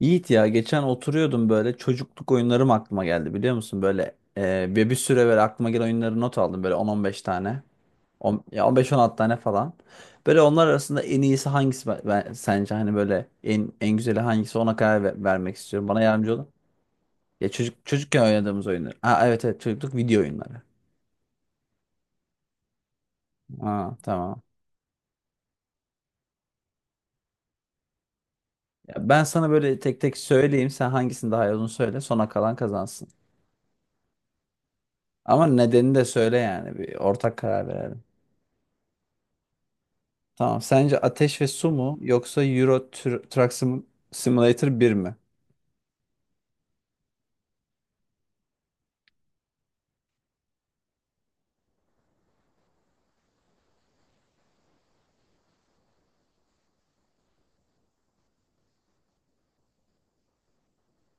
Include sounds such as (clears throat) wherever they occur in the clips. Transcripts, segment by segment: Yiğit ya geçen oturuyordum böyle çocukluk oyunlarım aklıma geldi biliyor musun? Böyle bir süre böyle aklıma gelen oyunları not aldım böyle on beş tane. Ya on beş on 16 tane falan. Böyle onlar arasında en iyisi hangisi, sence hani böyle en güzeli hangisi ona karar vermek istiyorum. Bana yardımcı olun. Ya çocukken oynadığımız oyunlar. Ha, evet, evet, çocukluk video oyunları. Ha, tamam. Ya ben sana böyle tek tek söyleyeyim, sen hangisini daha iyi olduğunu söyle, sona kalan kazansın. Ama nedenini de söyle yani bir ortak karar verelim. Tamam. Sence Ateş ve Su mu yoksa Euro Truck Simulator 1 mi?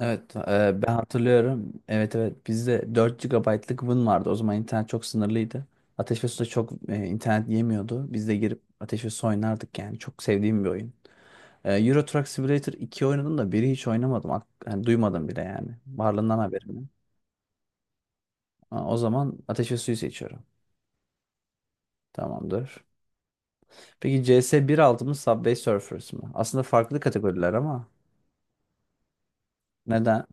Evet, ben hatırlıyorum. Evet, evet, bizde 4 GB'lık Win vardı. O zaman internet çok sınırlıydı. Ateş ve Su'da çok internet yemiyordu. Biz de girip Ateş ve Su oynardık yani. Çok sevdiğim bir oyun. Euro Truck Simulator 2 oynadım da biri hiç oynamadım. Yani duymadım bile yani. Varlığından haberim yok. Ha, o zaman Ateş ve Su'yu seçiyorum. Tamamdır. Peki CS 1.6 mı Subway Surfers mı? Aslında farklı kategoriler ama neden?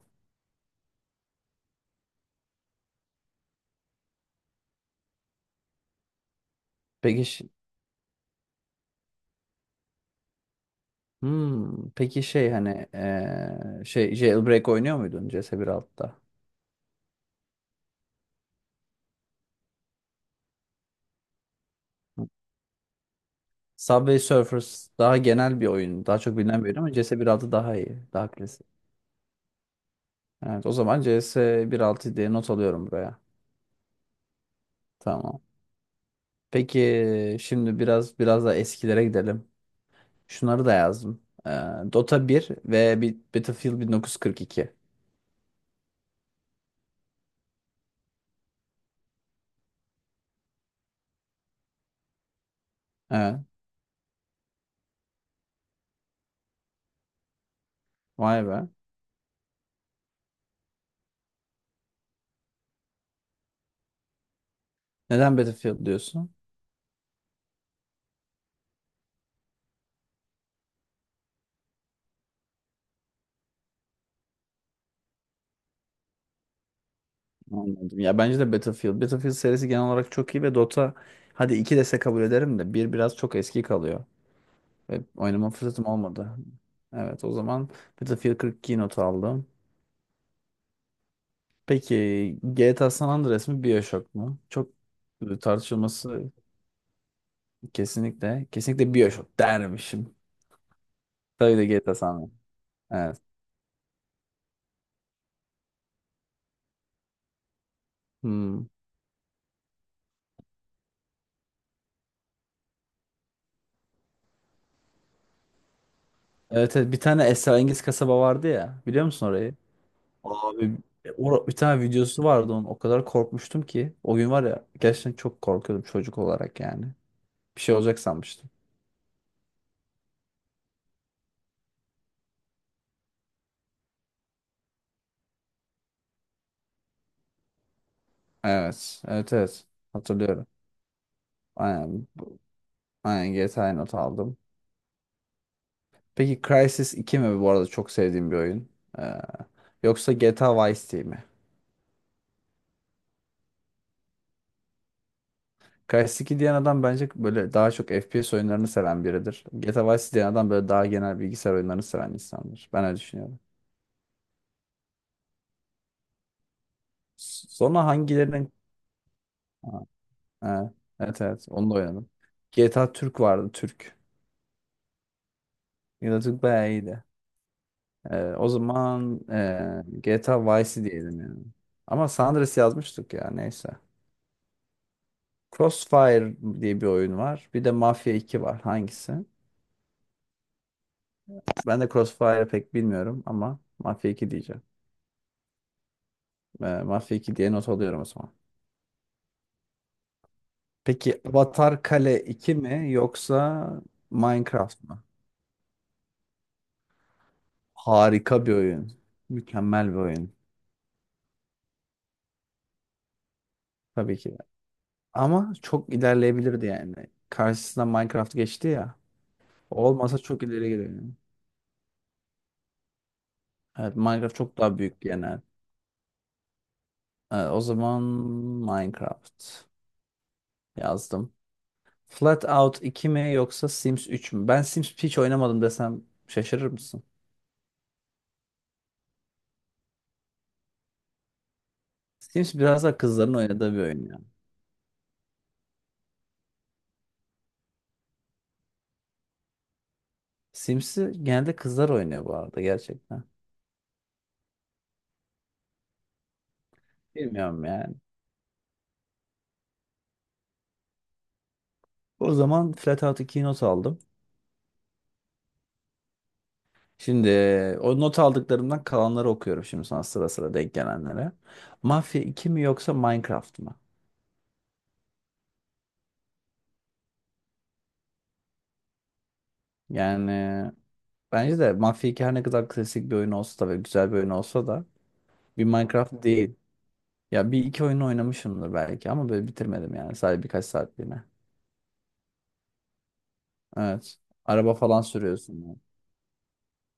Peki ş- peki şey, hani, şey, Jailbreak oynuyor muydun CS1.6'da? Subway Surfers daha genel bir oyun. Daha çok bilinen bir oyun ama CS1.6 daha iyi. Daha klasik. Evet, o zaman CS1.6 diye not alıyorum buraya. Tamam. Peki şimdi biraz da eskilere gidelim. Şunları da yazdım. Dota 1 ve bir Battlefield 1942. Evet. Vay be. Neden Battlefield diyorsun? Anladım. Ya bence de Battlefield. Battlefield serisi genel olarak çok iyi ve Dota, hadi 2 dese kabul ederim de bir biraz çok eski kalıyor. Ve oynama fırsatım olmadı. Evet, o zaman Battlefield 42 not aldım. Peki GTA San Andreas mı BioShock mu? Çok tartışılması kesinlikle. Kesinlikle BioShock dermişim. Tabii de GTA San Andreas. Evet. Hmm. Evet, evet, bir tane esrarengiz kasaba vardı ya. Biliyor musun orayı? Abi, bir tane videosu vardı onun. O kadar korkmuştum ki. O gün var ya, gerçekten çok korkuyordum çocuk olarak yani. Bir şey olacak sanmıştım. Evet. Evet, evet. Hatırlıyorum. Aynen. Aynen GTA not aldım. Peki Crysis 2 mi, bu arada çok sevdiğim bir oyun, Ee, yoksa GTA Vice City mi? Crysis 2 diyen adam bence böyle daha çok FPS oyunlarını seven biridir. GTA Vice City diyen adam böyle daha genel bilgisayar oyunlarını seven insandır. Ben öyle düşünüyorum. Sonra hangilerinin. Ha, evet, evet, onu da oynadım. GTA Türk vardı, Türk. GTA Türk bayağı iyiydi. O zaman, GTA Vice City diyelim yani. Ama San Andreas yazmıştık ya, neyse. Crossfire diye bir oyun var. Bir de Mafia iki var. Hangisi? Ben de Crossfire'ı pek bilmiyorum ama Mafia iki diyeceğim. Mafia 2 diye not alıyorum o zaman. Peki Avatar Kale 2 mi yoksa Minecraft mı? Harika bir oyun. Mükemmel bir oyun. Tabii ki. Ama çok ilerleyebilirdi yani. Karşısına Minecraft geçti ya. O olmasa çok ileri gidiyor yani. Evet, Minecraft çok daha büyük, genel. Evet, o zaman Minecraft yazdım. Flatout 2 mi yoksa Sims 3 mü? Ben Sims hiç oynamadım desem şaşırır mısın? Sims biraz daha kızların oynadığı bir oyun yani. Sims'i genelde kızlar oynuyor bu arada, gerçekten. Bilmiyorum yani. O zaman Flatout 2'yi not aldım. Şimdi o not aldıklarımdan kalanları okuyorum şimdi sana, sıra sıra denk gelenlere. Mafya iki mi yoksa Minecraft mı? Yani bence de Mafya iki her ne kadar klasik bir oyun olsa da ve güzel bir oyun olsa da bir Minecraft değil. Ya bir iki oyunu oynamışımdır belki ama böyle bitirmedim yani, sadece birkaç saatliğine. Evet. Araba falan sürüyorsun yani.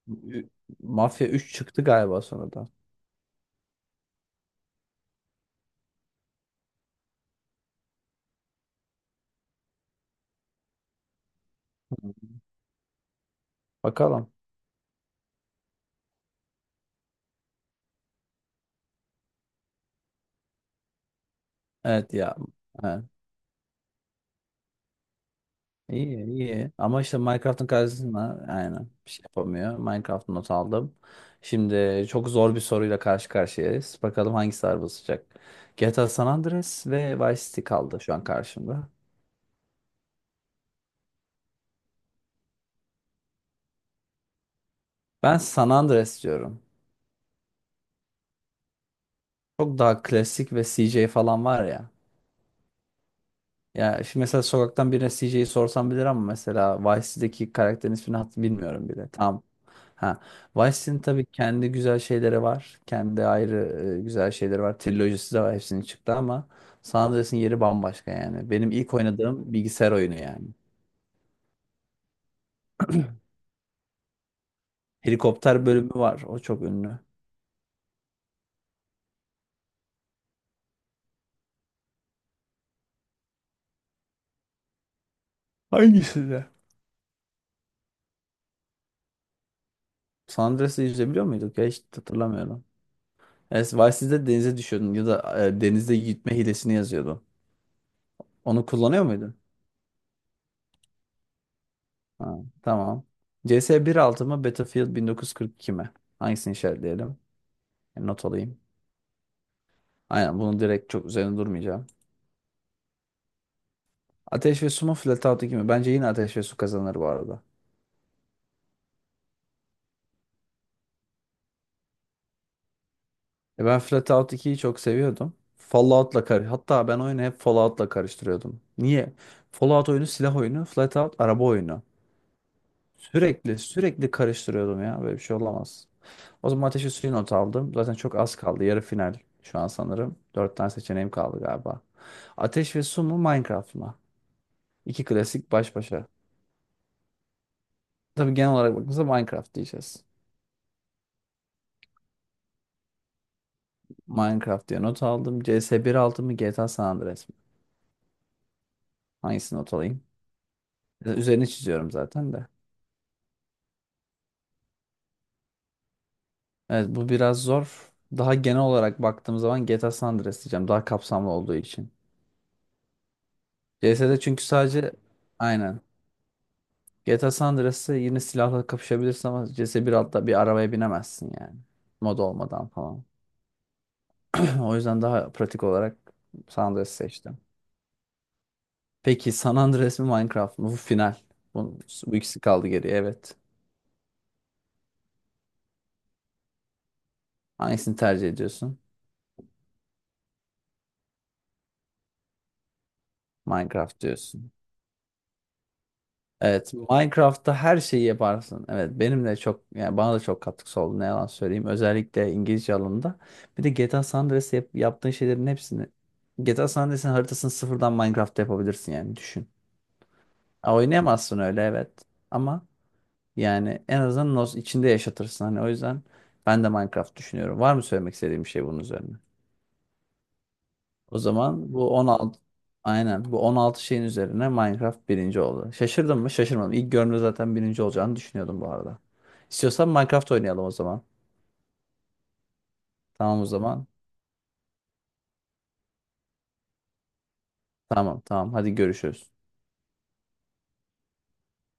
Ü- Mafya üç çıktı galiba sonradan. Hı. Bakalım. Evet ya. Evet. İyi, iyi, ama işte Minecraft'ın karşısında aynen bir şey yapamıyor. Minecraft not aldım. Şimdi çok zor bir soruyla karşı karşıyayız. Bakalım hangisi ağır basacak. GTA San Andreas ve Vice City kaldı şu an karşımda. Ben San Andreas diyorum. Çok daha klasik ve CJ falan var ya. Ya şimdi mesela sokaktan birine CJ'yi sorsam bilir ama mesela Vice City'deki karakterin ismini hat bilmiyorum bile. Tam. Ha. Vice City'nin tabii kendi güzel şeyleri var. Kendi ayrı güzel şeyleri var. Trilojisi de var, hepsinin çıktı ama San Andreas'ın yeri bambaşka yani. Benim ilk oynadığım bilgisayar oyunu yani. Helikopter bölümü var, o çok ünlü. Hangisi de? San Andreas'ı izleyebiliyor muyduk ya? Hiç hatırlamıyorum. Evet, Vice City'de denize düşüyordun ya da denizde gitme hilesini yazıyordun. Onu kullanıyor muydun? Ha, tamam. CS 1.6 mı Battlefield 1942 mi? Hangisini işaretleyelim? Not alayım. Aynen, bunu direkt çok üzerine durmayacağım. Ateş ve Su mu Flatout 2 mi? Bence yine Ateş ve Su kazanır bu arada. Ben Flatout 2'yi çok seviyordum. Fallout'la hatta ben oyunu hep Fallout'la karıştırıyordum. Niye? Fallout oyunu silah oyunu, Flatout araba oyunu. Sürekli sürekli karıştırıyordum ya. Böyle bir şey olamaz. O zaman ateşi suyu not aldım. Zaten çok az kaldı. Yarı final şu an sanırım. Dört tane seçeneğim kaldı galiba. Ateş ve su mu Minecraft mı? İki klasik baş başa. Tabii genel olarak bakınca Minecraft diyeceğiz. Minecraft diye not aldım. CS 1.6 mı GTA San Andreas mı? Hangisini not alayım? Üzerini çiziyorum zaten de. Evet, bu biraz zor. Daha genel olarak baktığım zaman GTA San Andreas diyeceğim. Daha kapsamlı olduğu için. CS'de çünkü sadece, aynen. GTA San Andreas'ta yine silahla kapışabilirsin ama CS bir altta bir arabaya binemezsin yani. Mod olmadan falan. (clears throat) O yüzden daha pratik olarak San Andreas seçtim. Peki San Andreas mı Minecraft mı? Bu final. Bu, bu ikisi kaldı geriye, evet. Hangisini tercih ediyorsun? Minecraft diyorsun. Evet, Minecraft'ta her şeyi yaparsın. Evet, benim de çok, yani bana da çok katkısı oldu ne yalan söyleyeyim. Özellikle İngilizce alanında. Bir de GTA San Andreas yaptığın şeylerin hepsini, GTA San Andreas'ın haritasını sıfırdan Minecraft'ta yapabilirsin yani, düşün. Ha, oynayamazsın öyle, evet. Ama yani en azından nos içinde yaşatırsın. Hani o yüzden ben de Minecraft düşünüyorum. Var mı söylemek istediğim bir şey bunun üzerine? O zaman bu 16 aynen bu 16 şeyin üzerine Minecraft birinci oldu. Şaşırdın mı? Şaşırmadım. İlk görünümde zaten birinci olacağını düşünüyordum bu arada. İstiyorsan Minecraft oynayalım o zaman. Tamam o zaman. Tamam, tamam, hadi görüşürüz.